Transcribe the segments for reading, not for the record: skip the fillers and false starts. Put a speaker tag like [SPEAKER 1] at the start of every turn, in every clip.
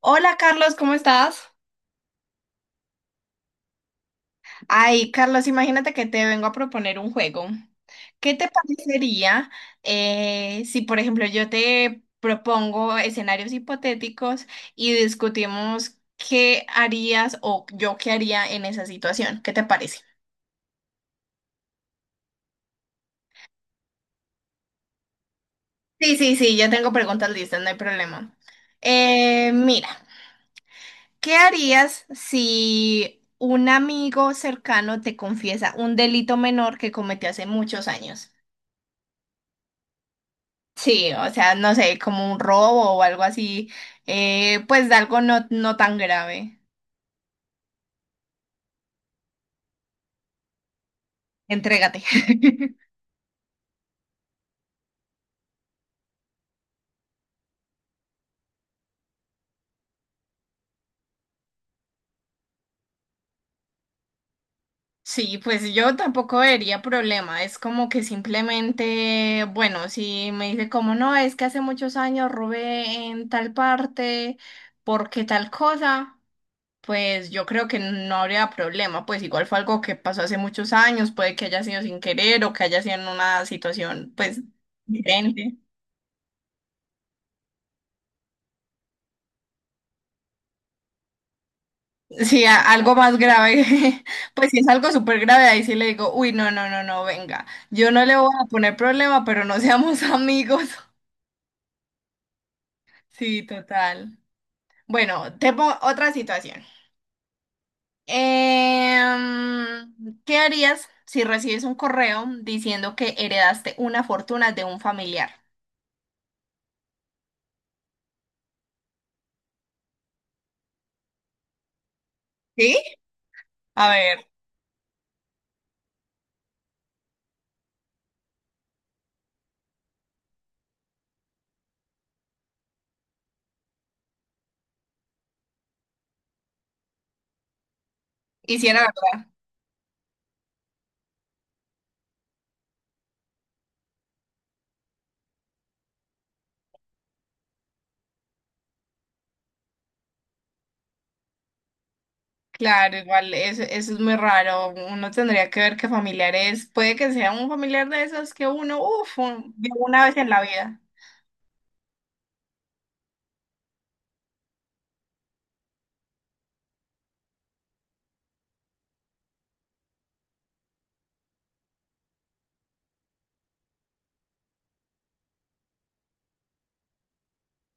[SPEAKER 1] Hola Carlos, ¿cómo estás? Ay, Carlos, imagínate que te vengo a proponer un juego. ¿Qué te parecería si, por ejemplo, yo te propongo escenarios hipotéticos y discutimos qué harías o yo qué haría en esa situación? ¿Qué te parece? Sí, sí, sí, ya tengo preguntas listas, no hay problema. Mira, ¿qué harías si un amigo cercano te confiesa un delito menor que cometió hace muchos años? Sí, o sea, no sé, como un robo o algo así, pues de algo no tan grave. Entrégate. Sí, pues yo tampoco vería problema. Es como que simplemente, bueno, si me dice como no, es que hace muchos años robé en tal parte, porque tal cosa, pues yo creo que no habría problema. Pues igual fue algo que pasó hace muchos años, puede que haya sido sin querer o que haya sido en una situación, pues, diferente. Sí, algo más grave. Pues si es algo súper grave, ahí sí le digo, uy, no, no, no, no, venga. Yo no le voy a poner problema, pero no seamos amigos. Sí, total. Bueno, te pongo otra situación. ¿Qué harías si recibes un correo diciendo que heredaste una fortuna de un familiar? ¿Sí? A ver, y si era verdad. Claro, igual eso es muy raro. Uno tendría que ver qué familiar es. Puede que sea un familiar de esos que uno, uff, vio una vez en la vida.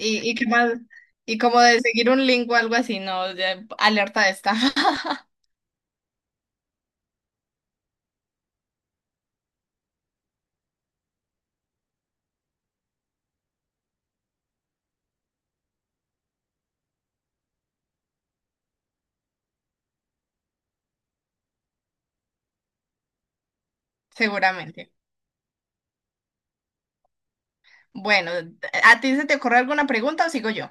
[SPEAKER 1] Y qué más, y como de seguir un link o algo así, no. Ya, alerta de esta, seguramente. Bueno, ¿a ti se te ocurre alguna pregunta o sigo yo?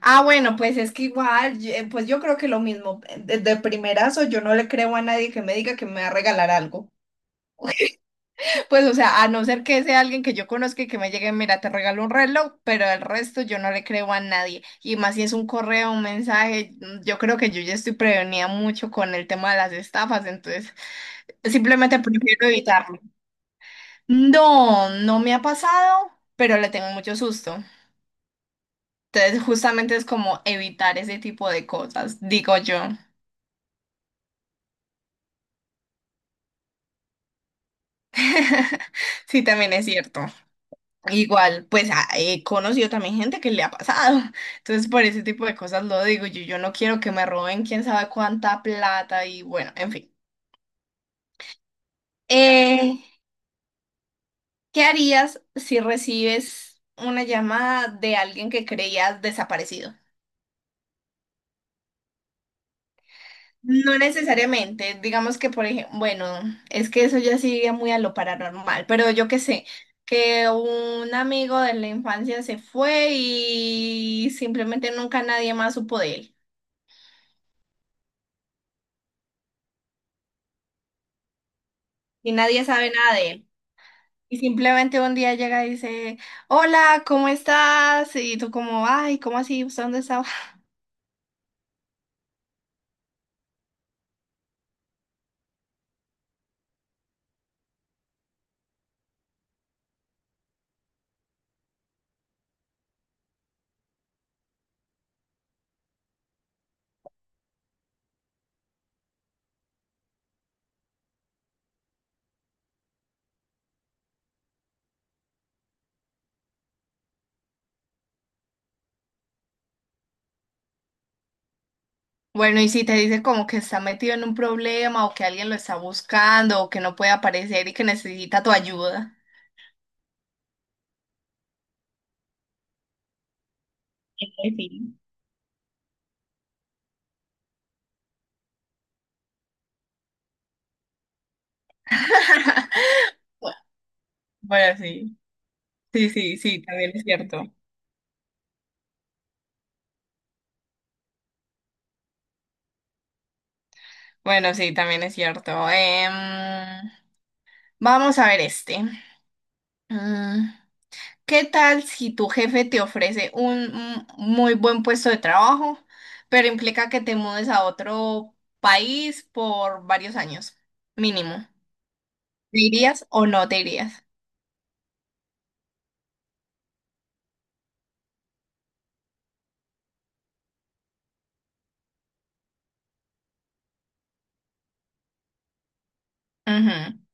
[SPEAKER 1] Ah, bueno, pues es que igual, pues yo creo que lo mismo. De primerazo, yo no le creo a nadie que me diga que me va a regalar algo. Pues, o sea, a no ser que sea alguien que yo conozca y que me llegue, mira, te regalo un reloj, pero el resto yo no le creo a nadie. Y más si es un correo, un mensaje, yo creo que yo ya estoy prevenida mucho con el tema de las estafas, entonces simplemente prefiero evitarlo. No, no me ha pasado, pero le tengo mucho susto. Entonces, justamente es como evitar ese tipo de cosas, digo yo. Sí, también es cierto. Igual, pues he conocido también gente que le ha pasado. Entonces, por ese tipo de cosas lo digo. Yo no quiero que me roben quién sabe cuánta plata y bueno, en fin. Eh, ¿Qué harías si recibes una llamada de alguien que creías desaparecido? No necesariamente, digamos que por ejemplo, bueno, es que eso ya sigue muy a lo paranormal, pero yo qué sé, que un amigo de la infancia se fue y simplemente nunca nadie más supo de él. Y nadie sabe nada de él. Y simplemente un día llega y dice, hola, ¿cómo estás? Y tú como, ay, ¿cómo así? ¿Usted dónde estaba? Bueno, y si te dice como que está metido en un problema o que alguien lo está buscando o que no puede aparecer y que necesita tu ayuda. En fin. Bueno, sí, sí, sí, sí, también es cierto. Bueno, sí, también es cierto. Vamos a ver este. Mm. ¿Qué tal si tu jefe te ofrece un muy buen puesto de trabajo, pero implica que te mudes a otro país por varios años, mínimo? ¿Te irías o no te irías? Ujú,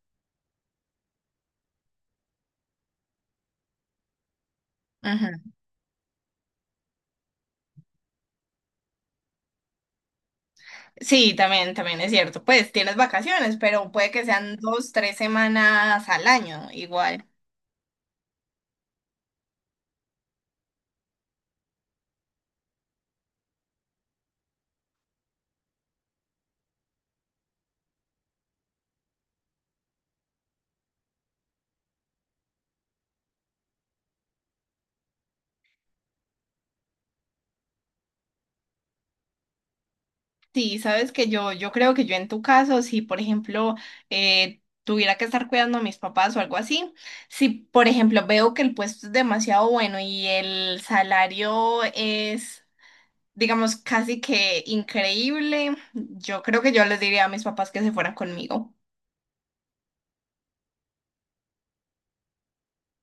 [SPEAKER 1] ujú. Sí, también, también es cierto. Pues tienes vacaciones, pero puede que sean dos, tres semanas al año, igual. Sí, sabes que yo creo que yo en tu caso, si por ejemplo tuviera que estar cuidando a mis papás o algo así, si por ejemplo veo que el puesto es demasiado bueno y el salario es, digamos, casi que increíble, yo creo que yo les diría a mis papás que se fueran conmigo.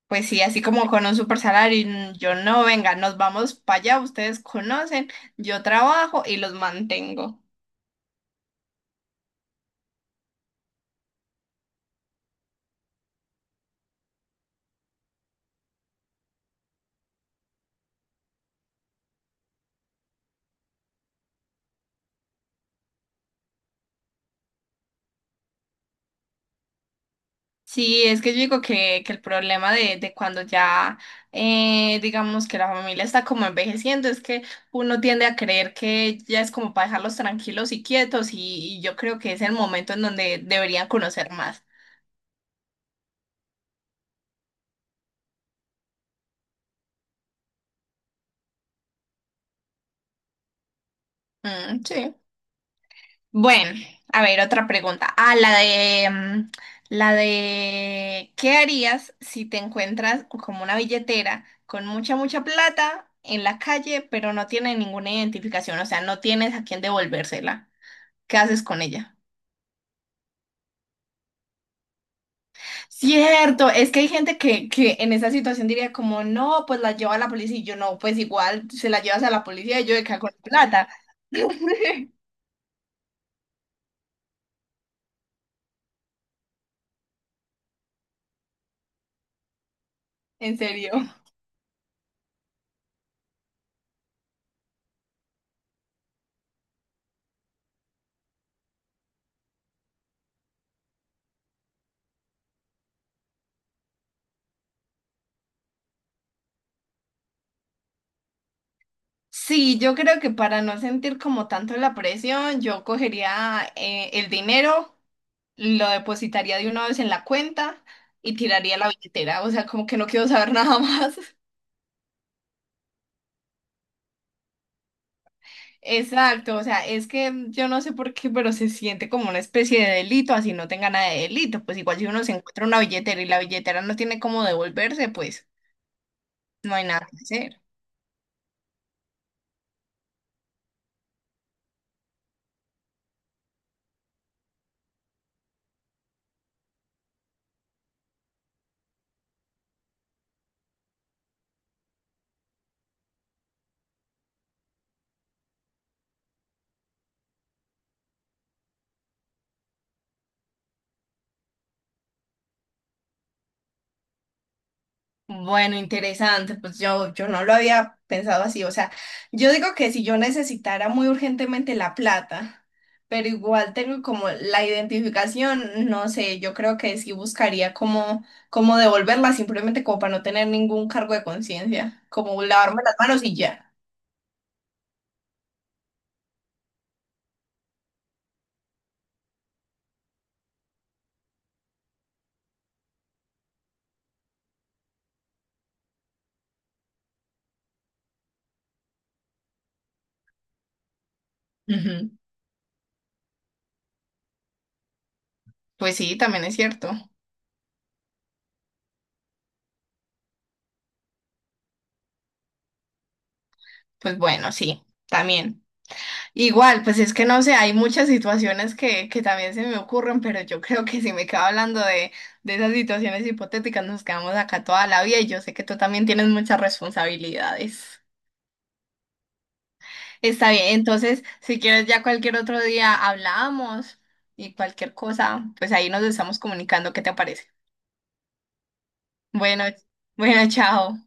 [SPEAKER 1] Pues sí, así como con un super salario, y yo no, venga, nos vamos para allá, ustedes conocen, yo trabajo y los mantengo. Sí, es que yo digo que el problema de cuando ya, digamos que la familia está como envejeciendo, es que uno tiende a creer que ya es como para dejarlos tranquilos y quietos y yo creo que es el momento en donde deberían conocer más. Mm, sí. Bueno, a ver, otra pregunta. Ah, la de, la de, ¿qué harías si te encuentras como una billetera con mucha, mucha plata en la calle, pero no tiene ninguna identificación? O sea, no tienes a quién devolvérsela. ¿Qué haces con ella? Cierto, es que hay gente que en esa situación diría como, no, pues la lleva a la policía y yo no, pues igual se la llevas a la policía y yo de cago en plata. En serio. Sí, yo creo que para no sentir como tanto la presión, yo cogería el dinero, lo depositaría de una vez en la cuenta y tiraría la billetera. O sea, como que no quiero saber nada más. Exacto, o sea, es que yo no sé por qué, pero se siente como una especie de delito, así no tenga nada de delito. Pues igual si uno se encuentra una billetera y la billetera no tiene cómo devolverse, pues no hay nada que hacer. Bueno, interesante, pues yo no lo había pensado así, o sea, yo digo que si yo necesitara muy urgentemente la plata, pero igual tengo como la identificación, no sé, yo creo que sí buscaría cómo, cómo devolverla, simplemente como para no tener ningún cargo de conciencia, como lavarme las manos y ya. Ujú. Pues sí, también es cierto. Pues bueno, sí, también. Igual, pues es que no sé, hay muchas situaciones que también se me ocurren, pero yo creo que si me quedo hablando de esas situaciones hipotéticas, nos quedamos acá toda la vida y yo sé que tú también tienes muchas responsabilidades. Está bien, entonces, si quieres, ya cualquier otro día hablamos y cualquier cosa, pues ahí nos estamos comunicando, ¿qué te parece? Bueno, bueno, chao.